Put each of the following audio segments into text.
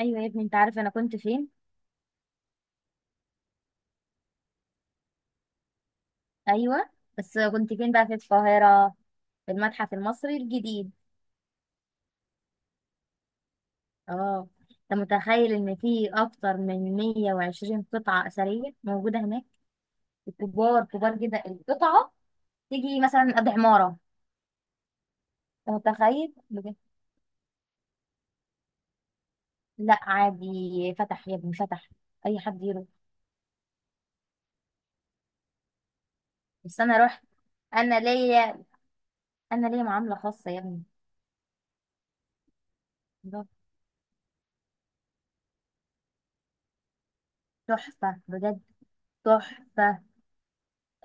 ايوه يا ابني، انت عارف انا كنت فين؟ ايوه. بس كنت فين بقى في القاهره؟ في المتحف المصري الجديد. اه، انت متخيل ان في اكتر من 120 قطعه اثريه موجوده هناك. كبار كبار جدا القطعه. تيجي مثلا قد عماره. انت متخيل بجد؟ لا، عادي فتح يا ابني، فتح. اي حد يروح. بس انا رحت. انا ليا انا ليا معامله خاصه يا ابني. ده تحفه بجد. تحفه.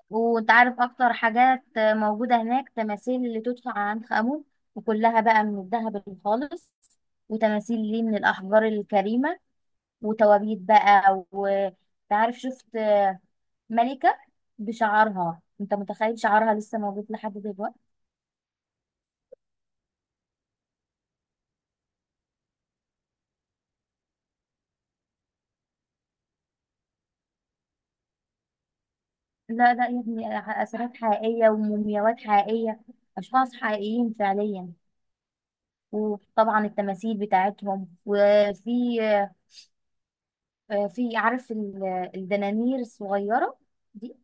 وانت عارف، اكتر حاجات موجودة هناك تماثيل اللي تدفع عن خامو، وكلها بقى من الذهب الخالص، وتماثيل ليه من الاحجار الكريمة، وتوابيت بقى. وتعرف، شفت ملكة بشعرها؟ انت متخيل شعرها لسه موجود لحد دلوقتي؟ لا لا يا ابني، اثارات حقيقية ومومياوات حقيقية. اشخاص حقيقيين فعليا. وطبعا التماثيل بتاعتهم. وفي في، عارف الدنانير الصغيرة دي،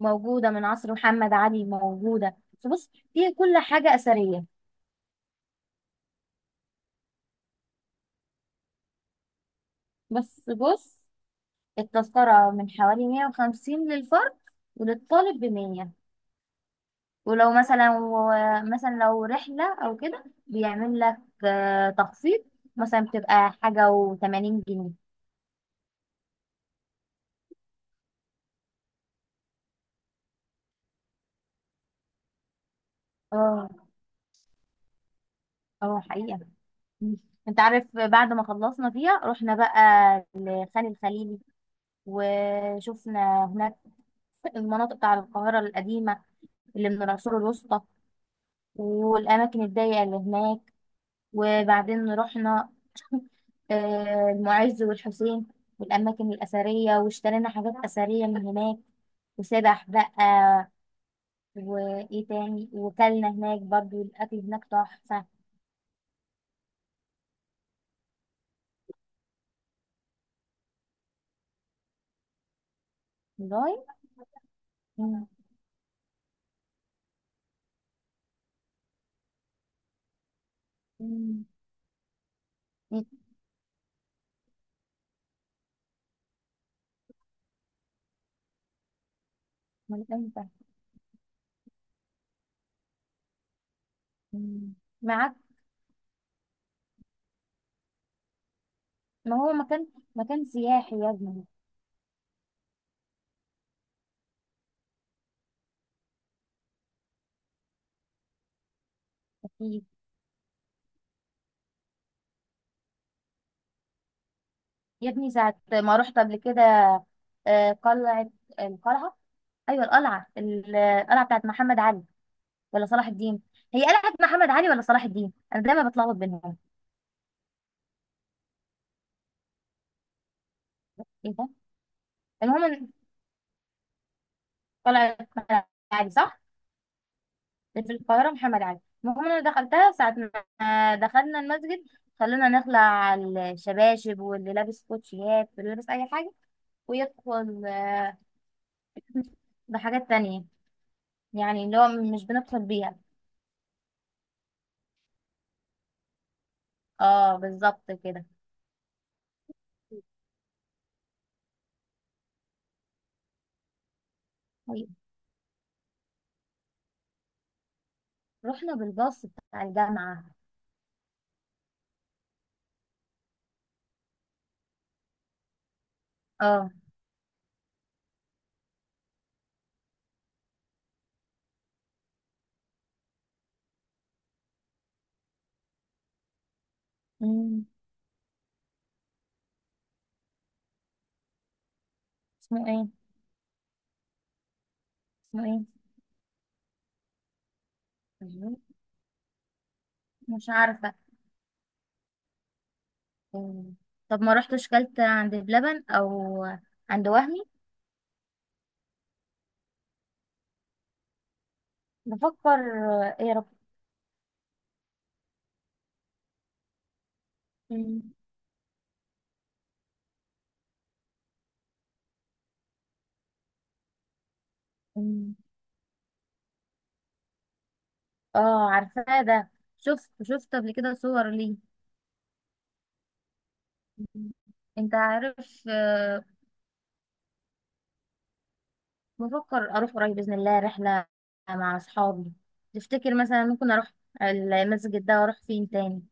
موجودة من عصر محمد علي، موجودة. فبص فيها كل حاجة أثرية. بس بص، التذكرة من حوالي 150 للفرد، وللطالب ب 100. ولو مثلا، مثلا لو رحلة أو كده بيعمل لك تخفيض. مثلا بتبقى حاجة و80 جنيه. اه، اه، حقيقة. مم. انت عارف، بعد ما خلصنا فيها رحنا بقى لخان الخليلي، وشفنا هناك المناطق بتاع القاهرة القديمة، اللي من العصور الوسطى، والأماكن الضيقة اللي هناك. وبعدين رحنا المعز والحسين، والأماكن الأثرية، واشترينا حاجات أثرية من هناك. وسبح بقى، وإيه تاني. وكلنا هناك برضو، الأكل هناك تحفة. والله. مم. مم. مم. من إمتى؟ مم. معاك. ما هو مكان، مكان سياحي يا ابني. يا ابني، ساعة ما رحت قبل كده، قلعة، القلعة، أيوة القلعة، القلعة بتاعت محمد علي ولا صلاح الدين؟ هي قلعة محمد علي ولا صلاح الدين؟ أنا دايما بتلخبط بينهم. إيه ده. المهم إن قلعة محمد علي، صح؟ اللي في القاهرة محمد علي. المهم، أنا دخلتها ساعة ما دخلنا المسجد، خلونا نخلع على الشباشب، واللي لابس كوتشيات واللي لابس أي حاجة ويدخل بحاجات تانية، يعني اللي هو مش بندخل بيها. اه، بالظبط كده. رحنا بالباص بتاع الجامعة. اه. مم. اسمه ايه؟ اسمه ايه؟ مش عارفة. مم. طب ما رحتش كلت عند بلبن او عند وهمي؟ بفكر ايه يا رب. مم. مم. اه، عارفاه ده. شفت قبل كده صور ليه. مم. انت عارف. بفكر اروح قريب بإذن الله رحلة مع اصحابي. تفتكر مثلا ممكن اروح المسجد ده واروح فين تاني؟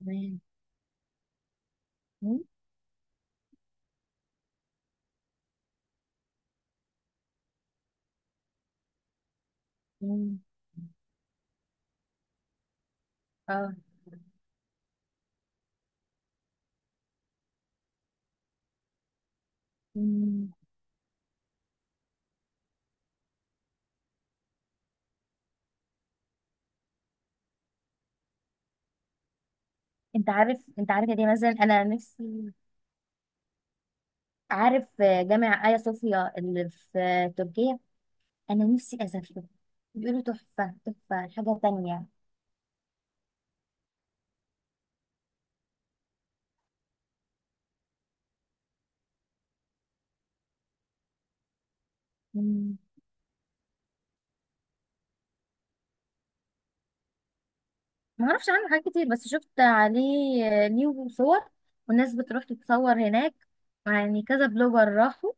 تمام. مم. مم. اه. مم. انت عارف يا دي، مثلا انا نفسي، عارف جامع ايا صوفيا اللي في تركيا؟ انا نفسي اسافره. بيقولوا تحفه تحفه، حاجه تانية. مم. ما اعرفش عنه حاجات كتير، بس شفت عليه ليه صور، والناس بتروح تتصور هناك. يعني كذا بلوجر راحوا.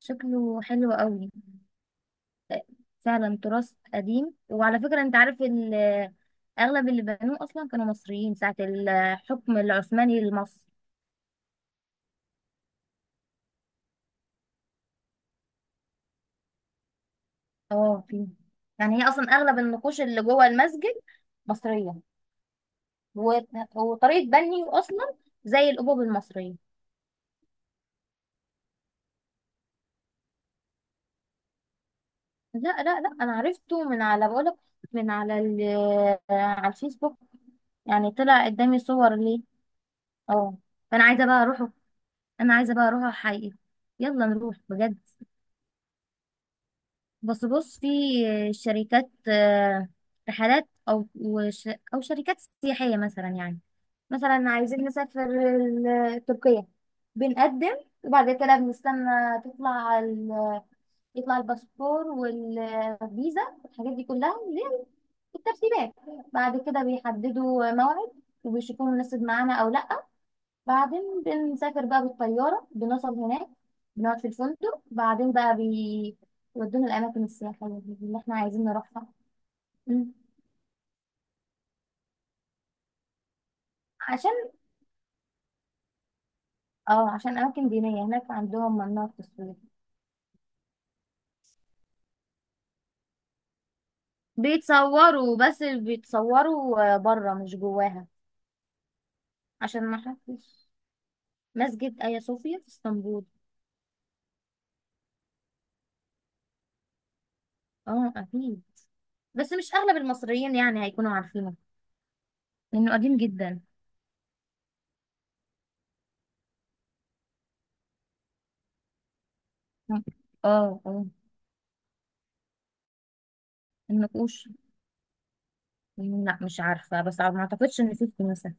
شكله حلو قوي. فعلا تراث قديم، وعلى فكره انت عارف، اغلب اللي بنوه اصلا كانوا مصريين ساعه الحكم العثماني لمصر. اه، في. يعني هي اصلا اغلب النقوش اللي جوه المسجد مصريه، و- وطريقه بنيه اصلا زي الابواب المصريه. لا لا لا، انا عرفته من على، بقولك، من على على الفيسبوك. يعني طلع قدامي صور ليه. اه، فانا عايزه بقى اروحه. انا عايزه بقى اروحه حقيقي. يلا نروح بجد. بس بص، في شركات رحلات، او او شركات سياحيه مثلا يعني. مثلا عايزين نسافر تركيا، بنقدم، وبعد كده بنستنى تطلع ال... يطلع الباسبور والفيزا والحاجات دي كلها، اللي هي الترتيبات. بعد كده بيحددوا موعد، وبيشوفوا مناسب معانا او لا. بعدين بنسافر بقى بالطيارة، بنوصل هناك. بنقعد في الفندق، بعدين بقى بيودونا الأماكن السياحية دي اللي احنا عايزين نروحها. مم. عشان، اه، عشان أماكن دينية هناك عندهم ممنوع التصوير. بيتصوروا، بس بيتصوروا بره مش جواها. عشان ما حدش. مسجد آيا صوفيا في اسطنبول. اه، أكيد. بس مش أغلب المصريين يعني هيكونوا عارفينه، لأنه قديم جدا. اه، اه، النقوش. لا، مش عارفة، بس ما أعتقدش إن فيه كنيسة.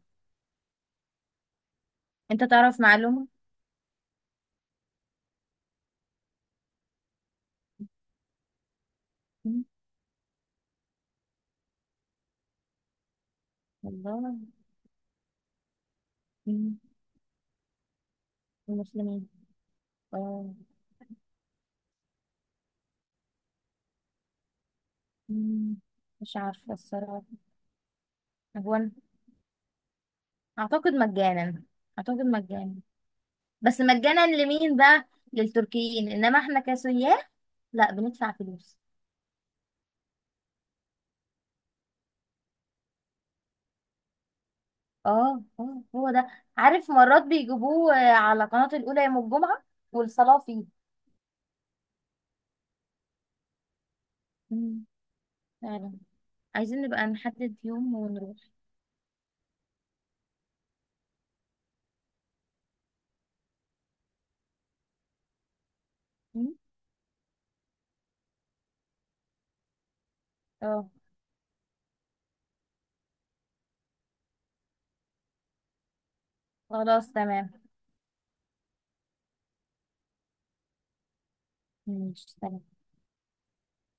انت تعرف معلومة. مم. والله. مم. المسلمين. اه. مم. مش عارفة الصراحة. هو أنا اعتقد مجانا. اعتقد مجانا. بس مجانا لمين بقى؟ للتركيين، انما احنا كسياح لا، بندفع فلوس. اه، اه، هو ده. عارف، مرات بيجيبوه على قناة الأولى يوم الجمعة، والصلاة فيه. مم. فعلا، عايزين نبقى نحدد يوم ونروح. مم. اه، خلاص تمام. ماشي تمام.